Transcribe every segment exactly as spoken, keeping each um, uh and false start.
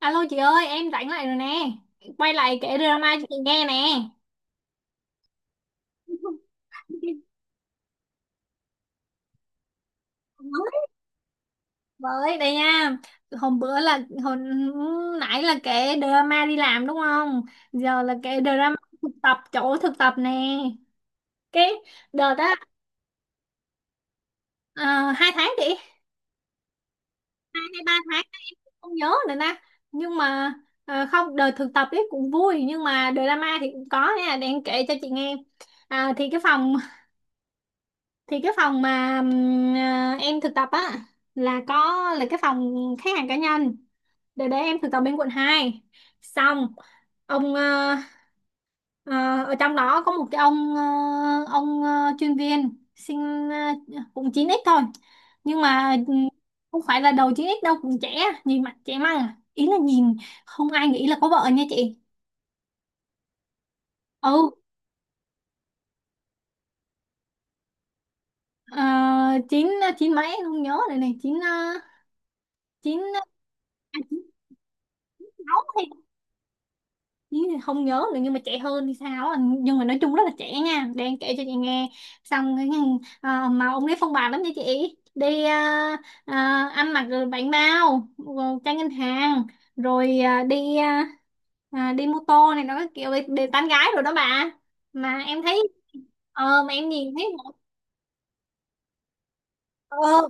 Alo chị ơi, em rảnh lại rồi nè. Quay lại kể drama cho chị nghe nè. Với đây nha. Hôm bữa là hồi nãy là kể drama đi làm đúng không? Giờ là kể drama thực tập chỗ thực tập nè. Cái đợt đó à, hai tháng chị, hai hay ba tháng không nhớ nữa nè. Nhưng mà à, không đợt thực tập ấy cũng vui nhưng mà drama thì cũng có nha, để em kể cho chị nghe. À, thì cái phòng thì cái phòng mà ừm, à, em thực tập á là có là cái phòng khách hàng cá nhân để để em thực tập bên quận hai. Xong ông ờ, ờ, ở trong đó có một cái ông ờ, ông ờ, chuyên viên sinh ờ, cũng chín x thôi, nhưng mà ừm, không phải là đầu chín x đâu, cũng trẻ, nhìn mặt trẻ măng à. Ý là nhìn không ai nghĩ là có vợ nha chị. ừ ờ, chín chín mấy em không nhớ rồi, này chín ờ, chín ờ, à, chín sáu. Ý là không nhớ nữa, nhưng mà trẻ hơn thì sao á. Nhưng mà nói chung rất là trẻ nha, đang kể cho chị nghe. Xong cái, à, mà ông ấy phong bạt lắm nha chị, đi à, à, ăn mặc rồi bánh bao rồi tranh ngân hàng rồi à, đi à, à, đi mô tô này, nó kiểu đi, đi tán gái rồi đó bà. Mà em thấy, ờ mà em nhìn thấy ờ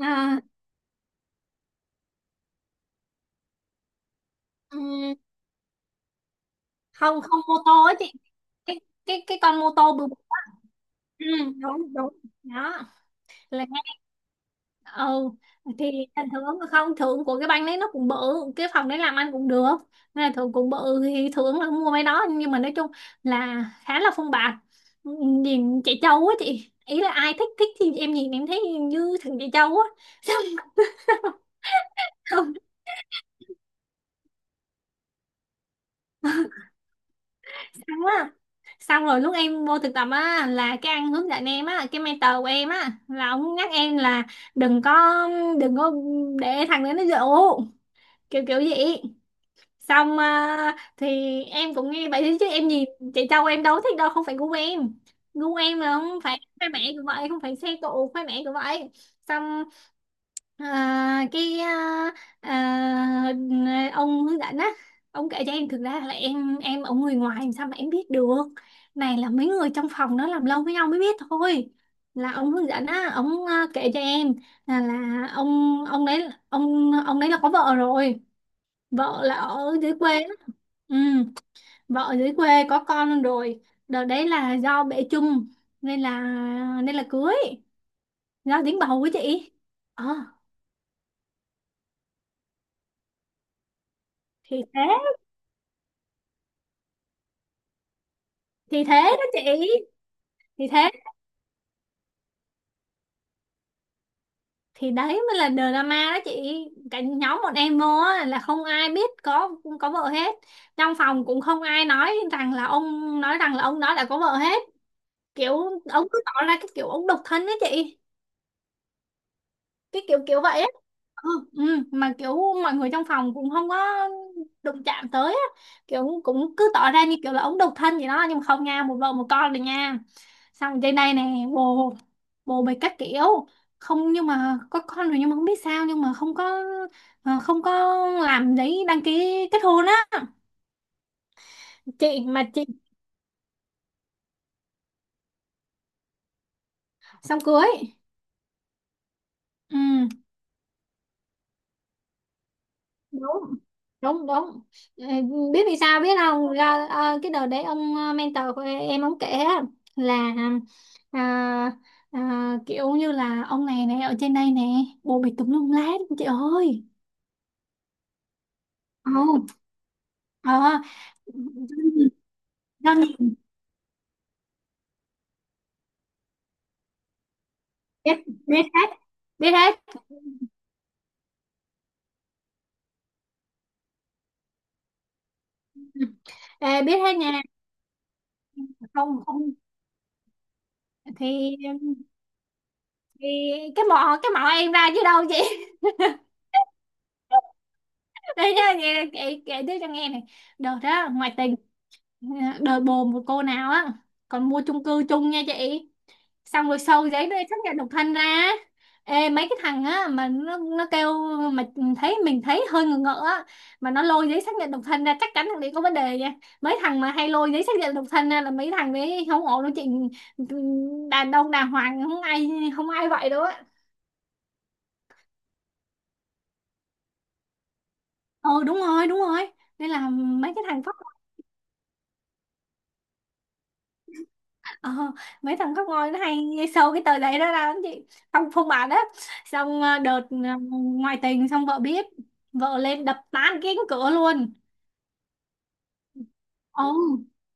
à, ừm, không không, mô tô á chị. Cái cái cái con mô tô bự bự. Ừ, đúng đúng đó là ừ thì thành thưởng, không thưởng của cái banh đấy nó cũng bự, cái phòng đấy làm ăn cũng được nên là thưởng cũng bự, thì thưởng là mua mấy đó. Nhưng mà nói chung là khá là phong bạc, nhìn chạy trâu á chị, ý là ai thích thích thì em nhìn em thấy như thằng chạy trâu á. Không. Xong á, xong rồi lúc em vô thực tập á, là cái anh hướng dẫn em á, cái mentor của em á, là ông nhắc em là đừng có đừng có để thằng đấy nó dụ, kiểu kiểu vậy. Xong à, thì em cũng nghe vậy thôi chứ em gì, chị dâu em đâu có thích đâu, không phải gu em. Gu em là không phải khoe mẽ cũng vậy, không phải xe cộ khoe mẽ cũng vậy. Xong à, cái à, à, ông hướng dẫn á, ông kể cho em thực ra là em em ở người ngoài làm sao mà em biết được, này là mấy người trong phòng nó làm lâu với nhau mới biết thôi. Là ông hướng dẫn á, ông à, kể cho em là là ông ông đấy ông ông đấy là có vợ rồi, vợ là ở dưới quê. Ừ, vợ ở dưới quê có con luôn rồi. Đợt đấy là do bệ chung nên là nên là cưới, do dính bầu của chị. Ờ thì thế, thì thế đó chị. Thì thế, thì đấy mới là drama đó chị. Cả nhóm bọn em vô á, là không ai biết có có vợ hết. Trong phòng cũng không ai nói rằng là ông, nói rằng là ông đó đã có vợ hết. Kiểu ông cứ tỏ ra cái kiểu ông độc thân đó chị. Cái kiểu kiểu vậy á. Ừ, ừ, mà kiểu mọi người trong phòng cũng không có đụng chạm tới á. Kiểu cũng cứ tỏ ra như kiểu là ống độc thân vậy đó, nhưng mà không nha, một vợ một con rồi nha. Xong trên đây nè bồ bồ bịch các kiểu. Không nhưng mà có con rồi, nhưng mà không biết sao nhưng mà không có, ờ, không có làm giấy đăng ký kết hôn á chị, mà chị. Xong cưới. Ừ, đúng đúng đúng. Ờ, biết vì sao biết không? Ra- ờ, cái đợt đấy ông ờ, mentor của em ông kể á, là à, à, kiểu như là ông này này ở trên đây nè, bồ bịch tùm lum lhết chị ơi. Ồ, ờ do nhìn, biết biết hết, biết hết. Ờ, biết hết nha. Không không, thì thì cái mỏ cái mỏ em ra chứ đâu chị. Đây nha chị, kể kể tiếp cho nghe này. Đợt đó ngoại tình đời bồ một cô nào á, còn mua chung cư chung nha chị. Xong rồi sâu giấy đây xác nhận độc thân ra. Ê mấy cái thằng á, mà nó nó kêu mà thấy mình thấy hơi ngờ ngợ á, mà nó lôi giấy xác nhận độc thân ra chắc chắn thằng đấy có vấn đề nha. Mấy thằng mà hay lôi giấy xác nhận độc thân ra là mấy thằng đấy không ổn đâu chị, đàn ông đàng hoàng không ai không ai vậy đâu á. Ờ đúng rồi đúng rồi, nên là mấy cái thằng. Ờ, mấy thằng khóc ngôi nó hay nghe sâu cái tờ giấy đó ra lắm chị, phong phong bà đó. Xong ờ, đợt ờ, ngoại tình xong vợ biết, vợ lên đập tan cái cánh cửa luôn. Ồ,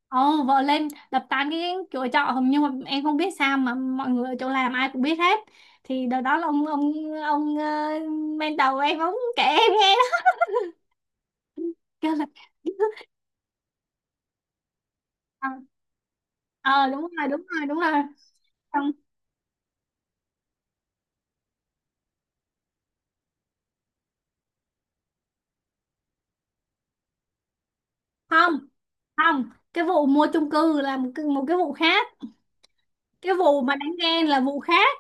ồ vợ lên đập tan cái cánh cửa trọ hồng, nhưng mà em không biết sao mà mọi người ở chỗ làm ai cũng biết hết. Thì đợt đó là ông ông ông ờ, mentor em ông kể em nghe đó, kêu là. Ờ, ờ, đúng rồi đúng rồi đúng rồi. Không không không, cái vụ mua chung cư là một, cái- một cái vụ khác. Cái vụ mà đánh ghen là vụ khác,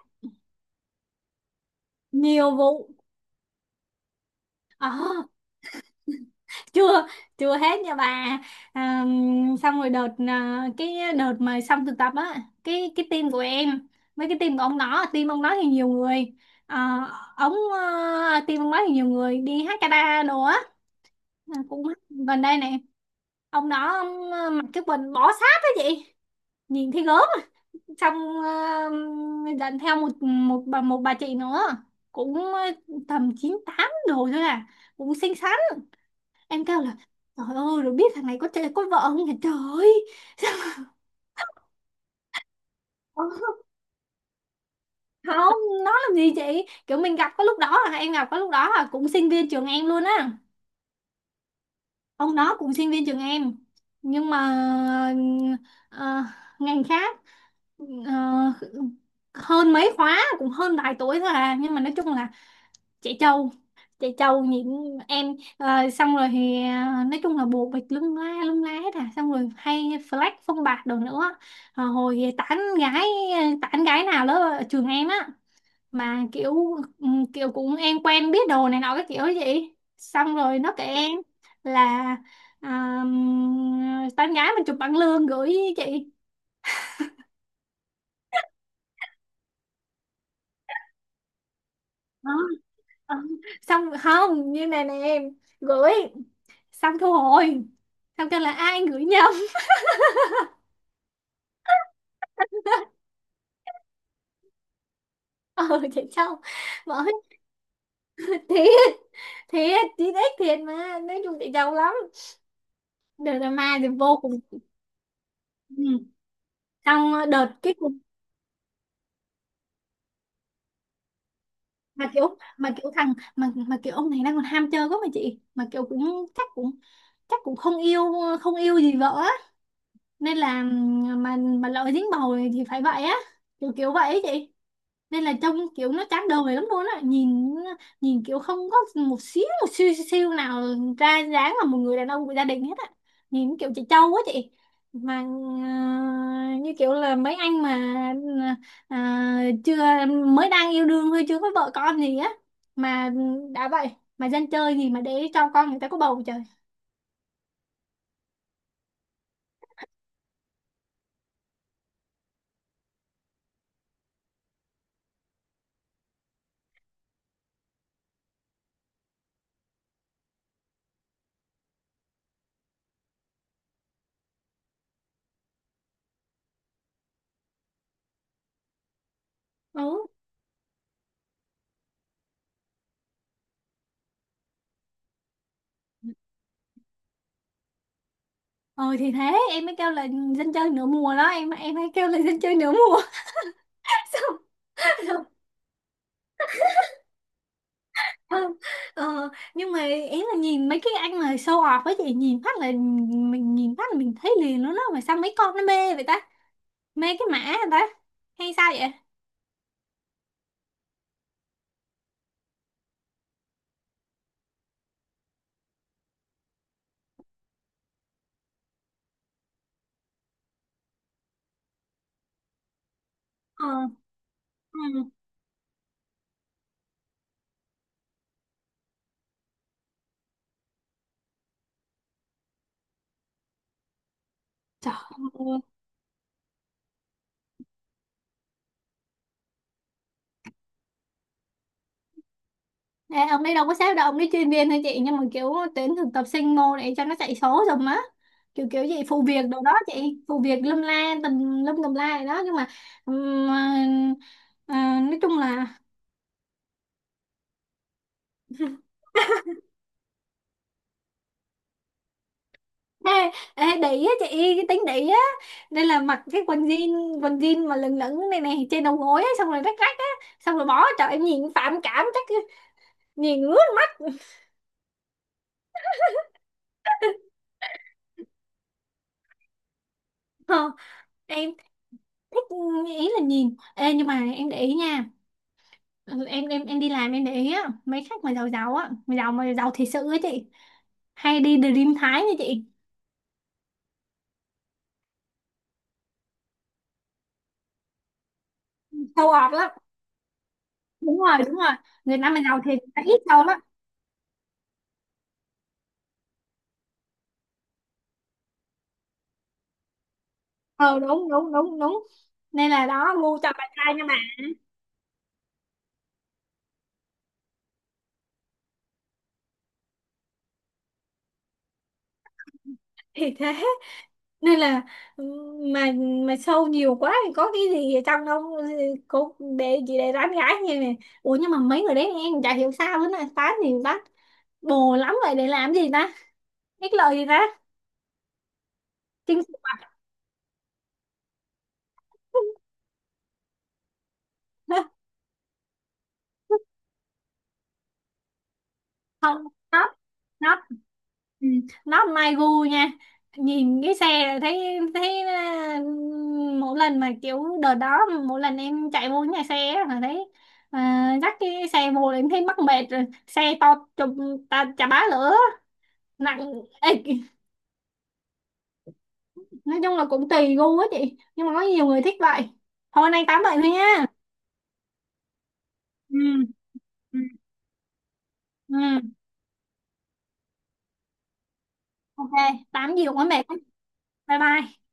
nhiều vụ. Ờ, chưa chưa hết nha bà. à, Xong rồi đợt à, cái đợt mà xong thực tập á, cái cái team của em với cái team của ông đó, team ông đó thì nhiều người, à, ông à, team ông đó thì nhiều người đi hát karaoke đồ á, à, cũng gần đây này. Ông đó ông, à, mặc cái quần bó sát á chị, nhìn thấy gớm. Trong ờ, dẫn theo một một bà một bà chị nữa, cũng ờ, tầm chín tám rồi thôi à, cũng xinh xắn. Em kêu là trời ơi, rồi biết thằng này có chơi có vợ không nhỉ, trời ơi. Ờ, không, nó làm gì chị, kiểu mình gặp có lúc đó là em gặp có lúc đó là cũng sinh viên trường em luôn á. Ông đó cũng sinh viên trường em, nhưng mà ờ, ngành khác, ờ, hơn mấy khóa, cũng hơn vài tuổi thôi à. Nhưng mà nói chung là chạy trâu, chạy trâu những em. Ờ, xong rồi thì ờ, nói chung là bộ bịch lung la lung lá hết à, xong rồi hay flex phong bạc đồ nữa. Ờ, hồi tán gái, tán gái nào đó ở trường em á, mà kiểu ừ, kiểu cũng em quen biết đồ này nọ cái kiểu gì, xong rồi nó kể em là ờ, tán gái mình chụp bằng lương gửi chị. Đó. Ờ, xong không như này nè em, gửi xong thu hồi, xong kêu là ai gửi nhầm. Ờ chị Châu, bỏ, thiệt thiệt chị, thích thiệt. Mà nói chung chị Châu lắm, đợt là ma thì vô cùng. Ừ. Xong đợt cái cùng, mà kiểu mà kiểu thằng mà mà kiểu ông này đang còn ham chơi quá mà chị, mà kiểu cũng chắc cũng chắc cũng không yêu, không yêu gì vợ á, nên là mà mà lỡ dính bầu thì phải vậy á, kiểu kiểu vậy ấy chị. Nên là trông kiểu nó chán đời lắm luôn á, nhìn nhìn kiểu không có một xíu một xíu xíu nào ra dáng là một người đàn ông của gia đình hết á. Nhìn kiểu chị Châu quá chị, mà à, như kiểu là mấy anh mà à, chưa mới đang yêu đương thôi, chưa có vợ con gì á. Mà đã vậy, mà dân chơi gì mà để cho con người ta có bầu, trời. Ừ ờ thì thế em mới kêu là dân chơi nửa mùa đó, em em mới kêu là dân chơi nửa mùa. Xong. Không, ờ, nhưng mà ý là nhìn mấy cái anh mà show off với chị, nhìn phát là mình nhìn phát là mình thấy liền luôn đó, mà sao mấy con nó mê vậy ta, mê cái mã vậy ta, hay sao vậy. Ờ, ừ. Trời ơi. Ê, ông ấy đâu có sếp đâu, ông ấy chuyên viên thôi chị, nhưng mà kiểu tuyển thực tập sinh mô để cho nó chạy số rồi á, kiểu kiểu gì phụ việc đồ đó chị, phụ việc lâm la tùm lum tùm la gì đó, nhưng mà ừm, ờ, ờ, nói chung là. Ê, ê, để ý á chị, cái tính để ý á, nên là mặc cái quần jean, quần jean mà lửng lửng này này trên đầu gối á, xong rồi rách rách á, xong rồi bỏ trời em nhìn phản cảm chắc, nhìn ướt mắt. Ờ, em thích, ý là nhìn ê, nhưng mà em để ý nha. Ừ, em em em đi làm em để ý á, mấy khách mà giàu giàu á, mà giàu mà giàu thiệt sự á chị, hay đi Dream Thái nha chị, sâu ọt lắm. Đúng rồi đúng rồi, người Nam mà giàu thiệt là ít sâu lắm. Ờ đúng đúng đúng đúng, nên là đó ngu cho bạn trai nha mà. Thì thế, nên là ừ, mà mà sâu nhiều quá thì có cái gì ở trong đâu, cô để chị để tán gái như này. Ủa nhưng mà mấy người đấy em chả hiểu sao nữa, là tán thì tán, bồ lắm vậy để làm gì ta, ích lợi gì ta, chinh phục à? Không, nó nó ừ, nó mai gu nha, nhìn cái xe thấy thấy, à, mỗi lần mà kiểu đợt đó, mỗi lần em chạy vô nhà xe á, là thấy, à, dắt cái xe vô là em thấy mắc mệt rồi, xe to chùm ta chà bá lửa, nặng. Ê, nói chung là cũng tùy gu á chị, nhưng mà có nhiều người thích vậy. Thôi nay tám vậy thôi nha. Ừ ừ ừ, ok. Tám gì cũng có mệt lắm. Bye bye.